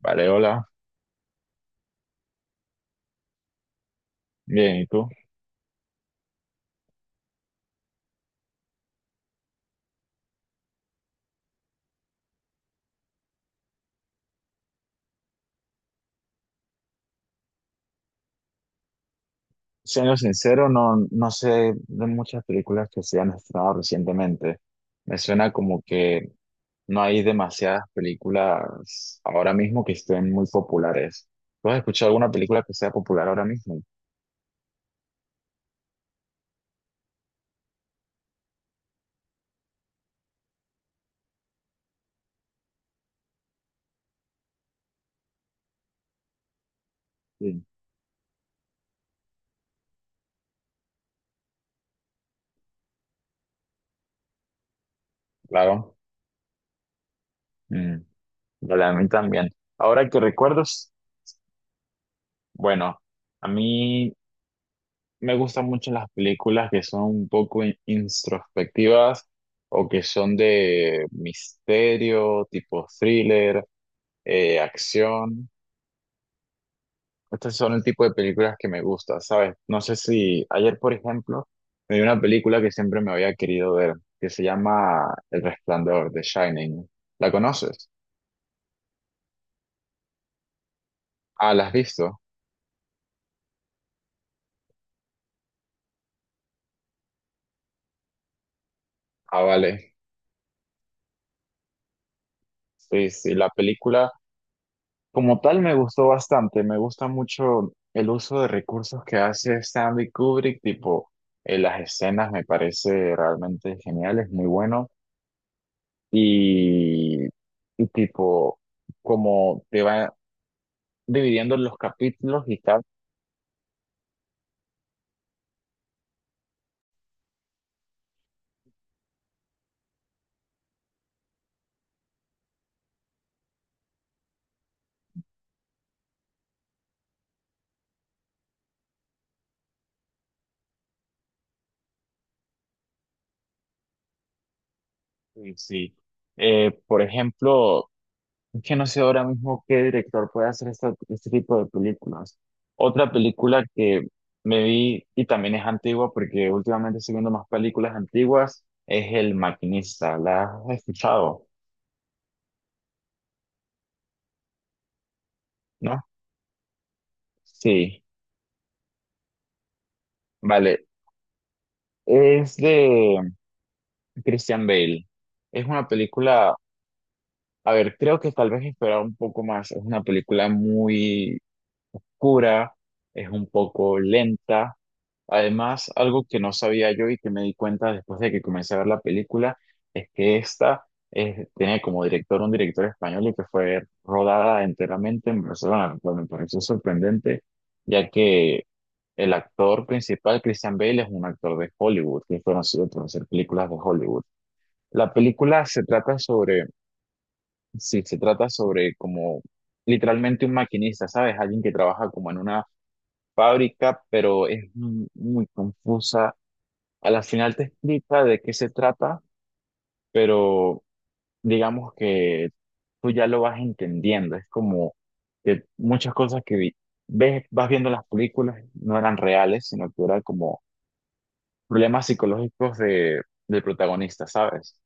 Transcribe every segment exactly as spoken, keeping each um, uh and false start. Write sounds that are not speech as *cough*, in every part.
Vale, hola. Bien, ¿y tú? Siendo sincero, no, no sé de muchas películas que se han estrenado recientemente. Me suena como que no hay demasiadas películas ahora mismo que estén muy populares. ¿Tú has escuchado alguna película que sea popular ahora mismo? Sí, claro. Mm, vale, a mí también. Ahora que recuerdos, bueno, a mí me gustan mucho las películas que son un poco in- introspectivas o que son de misterio, tipo thriller, eh, acción. Estos son el tipo de películas que me gusta, ¿sabes? No sé si ayer, por ejemplo, me vi una película que siempre me había querido ver, que se llama El Resplandor, The Shining. ¿La conoces? Ah, ¿la has visto? Ah, vale. Sí, sí, la película. Como tal, me gustó bastante. Me gusta mucho el uso de recursos que hace Stanley Kubrick, tipo eh, las escenas me parece realmente genial, es muy bueno. Y, y tipo, como te va dividiendo los capítulos y tal. Y sí. Eh, por ejemplo, que no sé ahora mismo qué director puede hacer esta- este tipo de películas. Otra película que me vi y también es antigua porque últimamente estoy viendo más películas antiguas es El Maquinista. ¿La has escuchado? ¿No? Sí, vale. Es de Christian Bale. Es una película, a ver, creo que tal vez esperaba un poco más. Es una película muy oscura, es un poco lenta. Además, algo que no sabía yo y que me di cuenta después de que comencé a ver la película es que esta eh, tiene como director un director español y que fue rodada enteramente en Barcelona, lo cual me pareció sorprendente, ya que el actor principal, Christian Bale, es un actor de Hollywood, que es conocido por hacer películas de Hollywood. La película se trata sobre, sí, se trata sobre como literalmente un maquinista, ¿sabes? Alguien que trabaja como en una fábrica, pero es mu- muy confusa. A la final te explica de qué se trata, pero digamos que tú ya lo vas entendiendo. Es como que muchas cosas que vi- ves, vas viendo en las películas no eran reales, sino que eran como problemas psicológicos de, del protagonista, ¿sabes?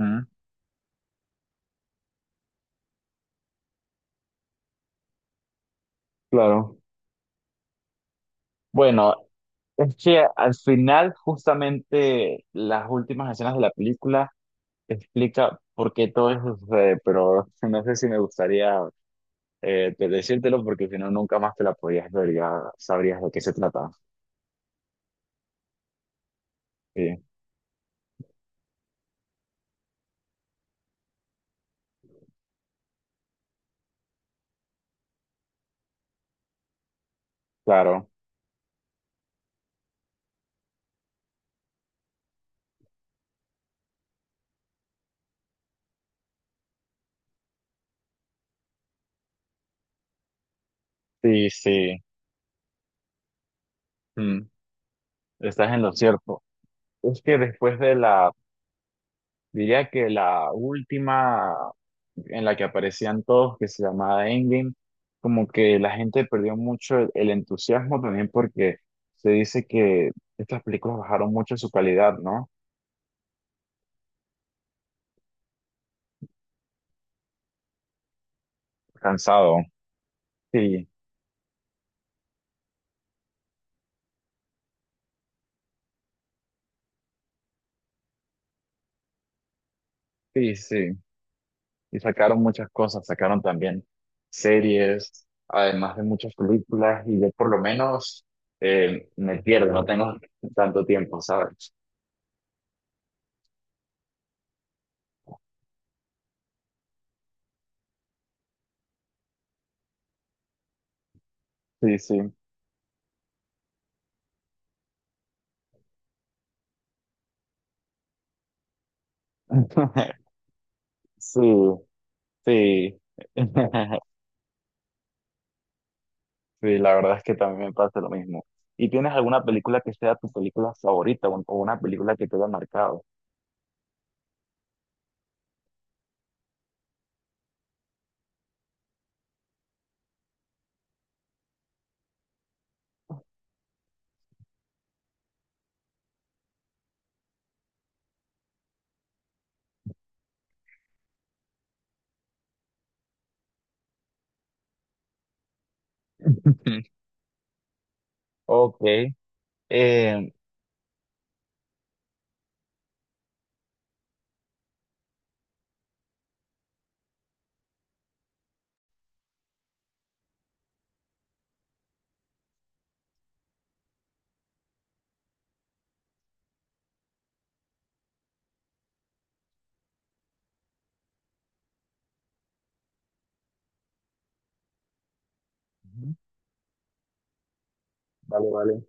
Mm, claro. Bueno, es que al final, justamente las últimas escenas de la película explica por qué todo eso sucede, pero *laughs* no sé si me gustaría eh, te- decírtelo porque si no nunca más te la podías ver, ya sabrías de qué se trata. Sí, claro. Sí, sí. Mm, estás en lo cierto. Es que después de la, diría que la última en la que aparecían todos, que se llamaba Endgame, como que la gente perdió mucho el, el entusiasmo también porque se dice que estas películas bajaron mucho su calidad, ¿no? Cansado. Sí, sí, sí. Y sacaron muchas cosas, sacaron también series, además de muchas películas, y yo por lo menos eh, me pierdo, no tengo tanto tiempo, ¿sabes? Sí, sí. *laughs* Sí, sí. *laughs* Sí, la verdad es que también me pasa lo mismo. ¿Y tienes alguna película que sea tu película favorita o o una película que te haya marcado? *laughs* Ok. eh, vale, vale.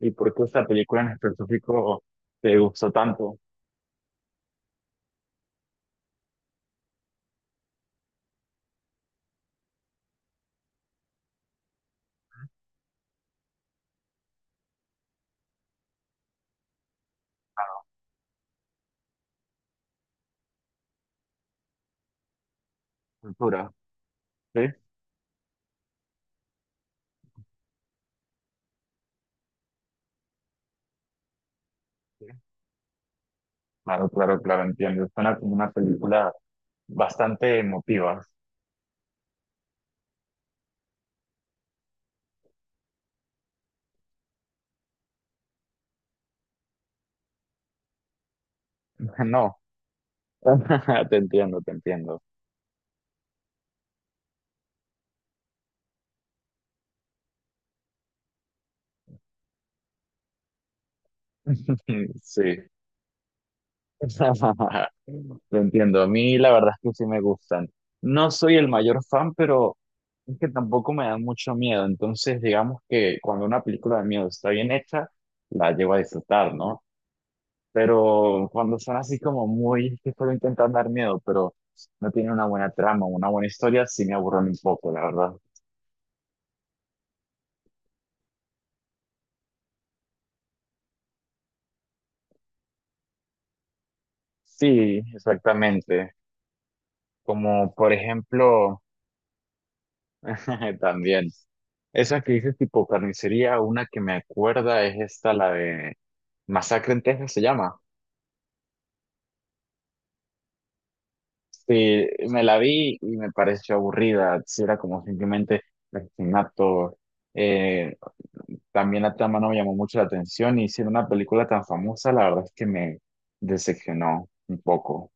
¿Y por qué esta película en específico te gustó tanto? Cultura, ¿sí? Claro, claro, claro, entiendo. Suena como una película bastante emotiva. *laughs* No, *laughs* te entiendo, te entiendo. *laughs* Sí. *laughs* lo entiendo. A mí la verdad es que sí me gustan. No soy el mayor fan, pero es que tampoco me da mucho miedo. Entonces, digamos que cuando una película de miedo está bien hecha, la llevo a disfrutar, ¿no? Pero cuando son así como muy, que solo intentan dar miedo, pero no tienen una buena trama, una buena historia, sí me aburren un poco, la verdad. Sí, exactamente. Como por ejemplo, *laughs* también, esa que dices tipo carnicería, una que me acuerda es esta, la de Masacre en Texas se llama. Sí, me la vi y me pareció aburrida, sí era como simplemente asesinato. Eh, también la trama no me llamó mucho la atención y siendo una película tan famosa, la verdad es que me decepcionó un poco.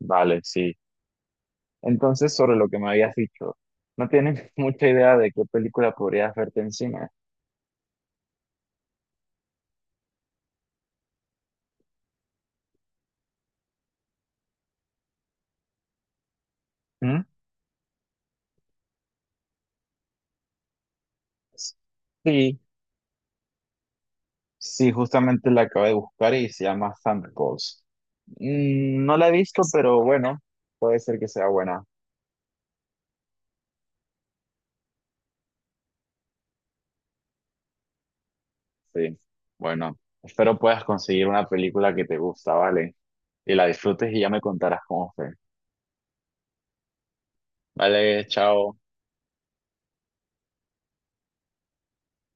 Vale, sí. Entonces, sobre lo que me habías dicho, no tienes *laughs* mucha idea de qué película podrías verte encima. ¿Mm? Sí, sí, justamente la acabé de buscar y se llama Thunderbolts. Mm, no la he visto, pero bueno, puede ser que sea buena. Sí, bueno, espero puedas conseguir una película que te gusta, ¿vale? Y la disfrutes y ya me contarás cómo fue. Vale, chao.